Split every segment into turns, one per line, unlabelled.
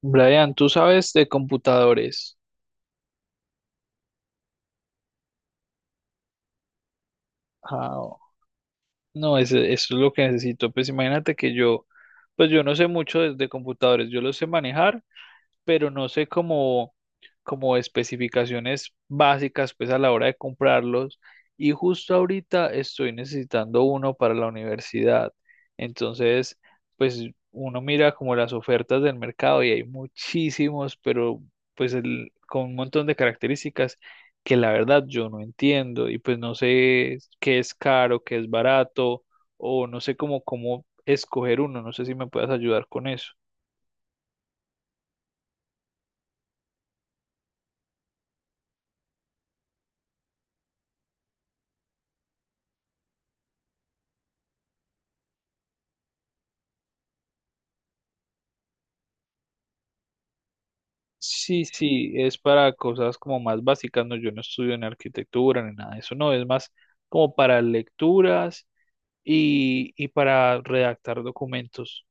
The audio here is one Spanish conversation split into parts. Brian, tú sabes de computadores. Ah, no, eso es lo que necesito. Pues imagínate que yo, pues yo no sé mucho de computadores, yo los sé manejar, pero no sé cómo como especificaciones básicas pues a la hora de comprarlos y justo ahorita estoy necesitando uno para la universidad. Entonces, pues uno mira como las ofertas del mercado y hay muchísimos, pero pues con un montón de características que la verdad yo no entiendo y pues no sé qué es caro, qué es barato o no sé cómo escoger uno, no sé si me puedes ayudar con eso. Sí, sí, es para cosas como más básicas, no, yo no estudio en arquitectura ni nada de eso, no, es más como para lecturas y para redactar documentos.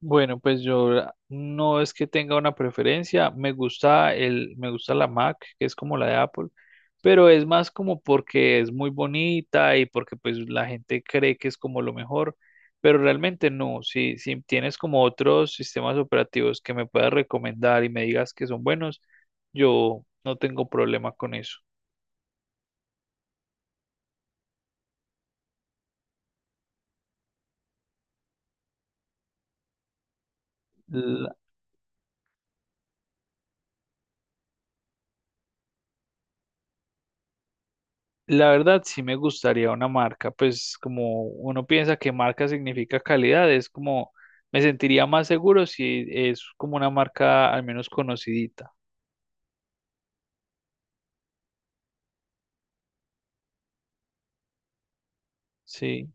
Bueno, pues no es que tenga una preferencia, me gusta la Mac, que es como la de Apple, pero es más como porque es muy bonita y porque pues la gente cree que es como lo mejor, pero realmente no, si tienes como otros sistemas operativos que me puedas recomendar y me digas que son buenos, yo no tengo problema con eso. La verdad, sí me gustaría una marca, pues como uno piensa que marca significa calidad, es como me sentiría más seguro si es como una marca al menos conocidita. Sí,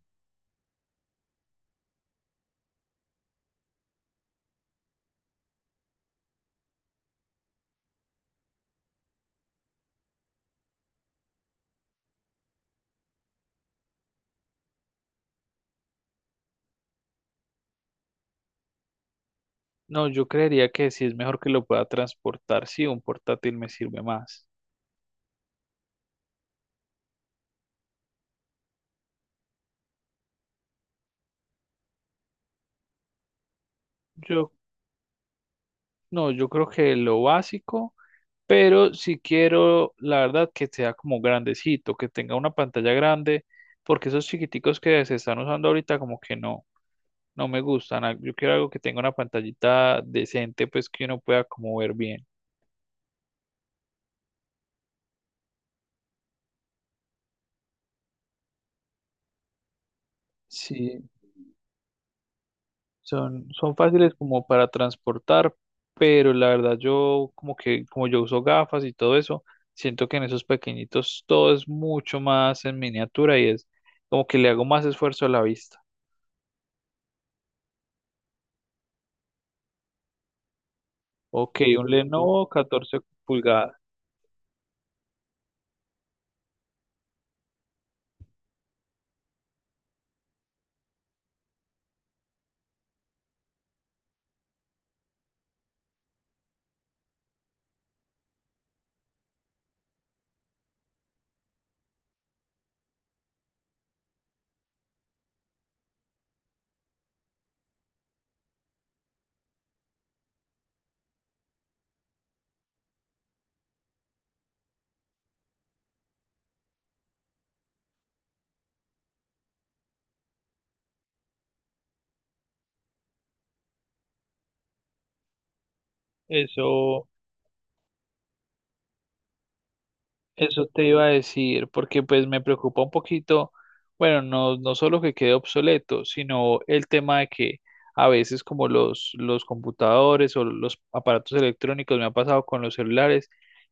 no, yo creería que sí es mejor que lo pueda transportar, sí, un portátil me sirve más. Yo, no, yo creo que lo básico, pero si quiero, la verdad, que sea como grandecito, que tenga una pantalla grande, porque esos chiquiticos que se están usando ahorita como que no. No me gustan. Yo quiero algo que tenga una pantallita decente, pues que uno pueda como ver bien. Sí. Son fáciles como para transportar, pero la verdad yo como que como yo uso gafas y todo eso, siento que en esos pequeñitos todo es mucho más en miniatura y es como que le hago más esfuerzo a la vista. Ok, un Lenovo 14 pulgadas. Eso Eso te iba a decir, porque pues me preocupa un poquito, bueno, no, no solo que quede obsoleto, sino el tema de que a veces como los computadores o los aparatos electrónicos, me ha pasado con los celulares,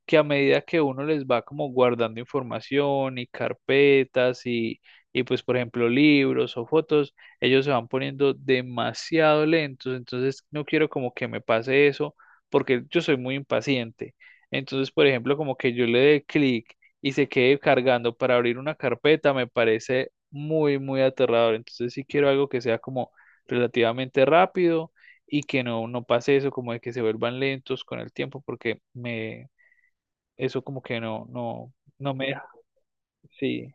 que a medida que uno les va como guardando información y carpetas y pues por ejemplo libros o fotos, ellos se van poniendo demasiado lentos, entonces no quiero como que me pase eso, porque yo soy muy impaciente. Entonces, por ejemplo, como que yo le dé clic y se quede cargando para abrir una carpeta, me parece muy, muy aterrador. Entonces, sí quiero algo que sea como relativamente rápido y que no, no pase eso, como de que se vuelvan lentos con el tiempo, porque eso como que no, no, no me deja. Sí,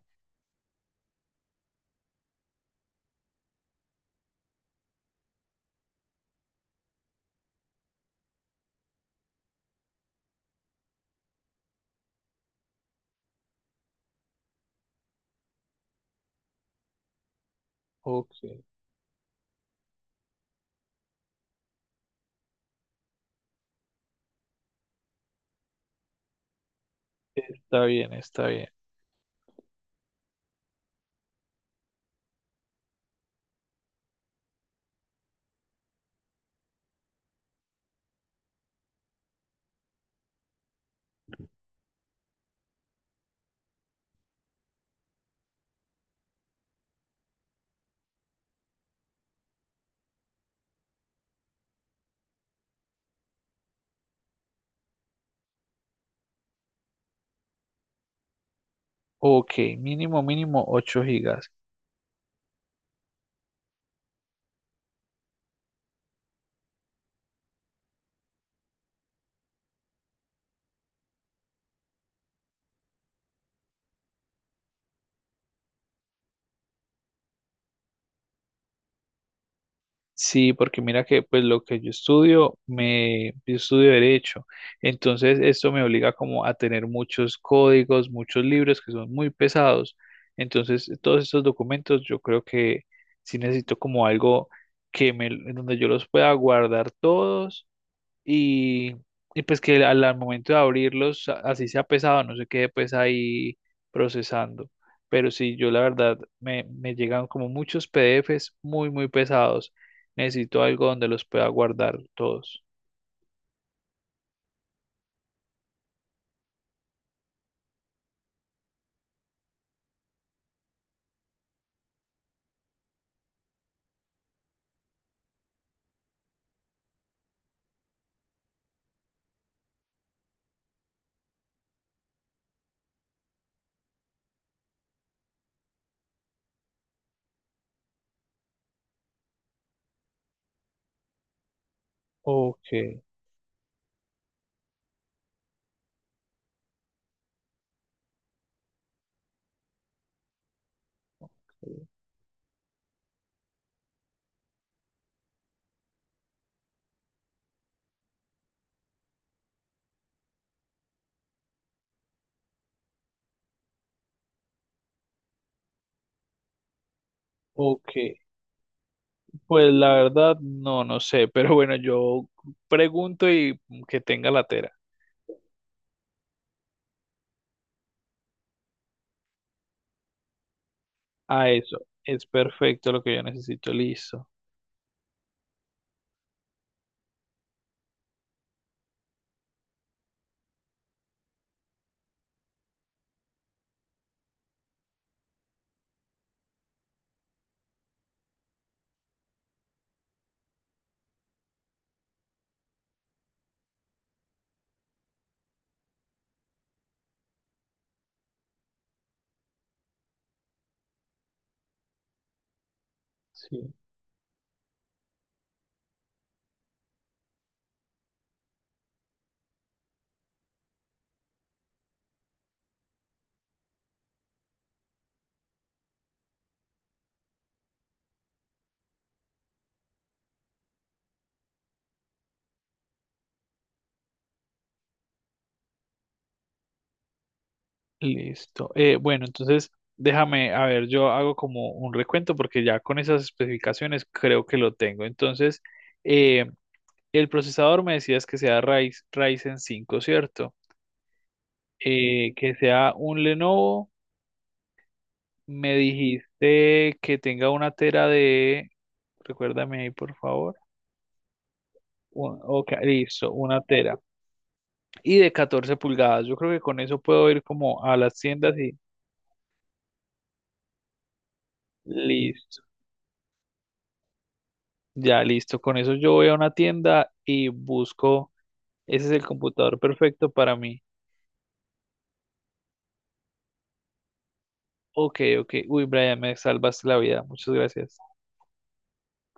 ok, está bien, está bien. Ok, mínimo, mínimo 8 GB. Sí, porque mira que pues lo que yo estudio, yo estudio derecho, entonces esto me obliga como a tener muchos códigos, muchos libros que son muy pesados, entonces todos estos documentos yo creo que sí necesito como algo que en donde yo los pueda guardar todos y, y pues que al momento de abrirlos, así sea pesado, no se quede pues ahí procesando. Pero sí, yo la verdad me llegan como muchos PDFs muy, muy pesados. Necesito algo donde los pueda guardar todos. Ok, ok. Pues la verdad no, no sé, pero bueno, yo pregunto y que tenga la tela. A eso, es perfecto lo que yo necesito, listo. Sí. Listo. Bueno, entonces déjame, a ver, yo hago como un recuento porque ya con esas especificaciones creo que lo tengo. Entonces, eh, el procesador me decías que sea Ryzen 5, ¿cierto? Que sea un Lenovo. Me dijiste que tenga una tera de, recuérdame ahí, por favor. Ok, listo, una tera. Y de 14 pulgadas. Yo creo que con eso puedo ir como a las tiendas y listo. Ya listo, con eso yo voy a una tienda y busco, ese es el computador perfecto para mí. Ok, ok. Uy, Brian, me salvas la vida. Muchas gracias.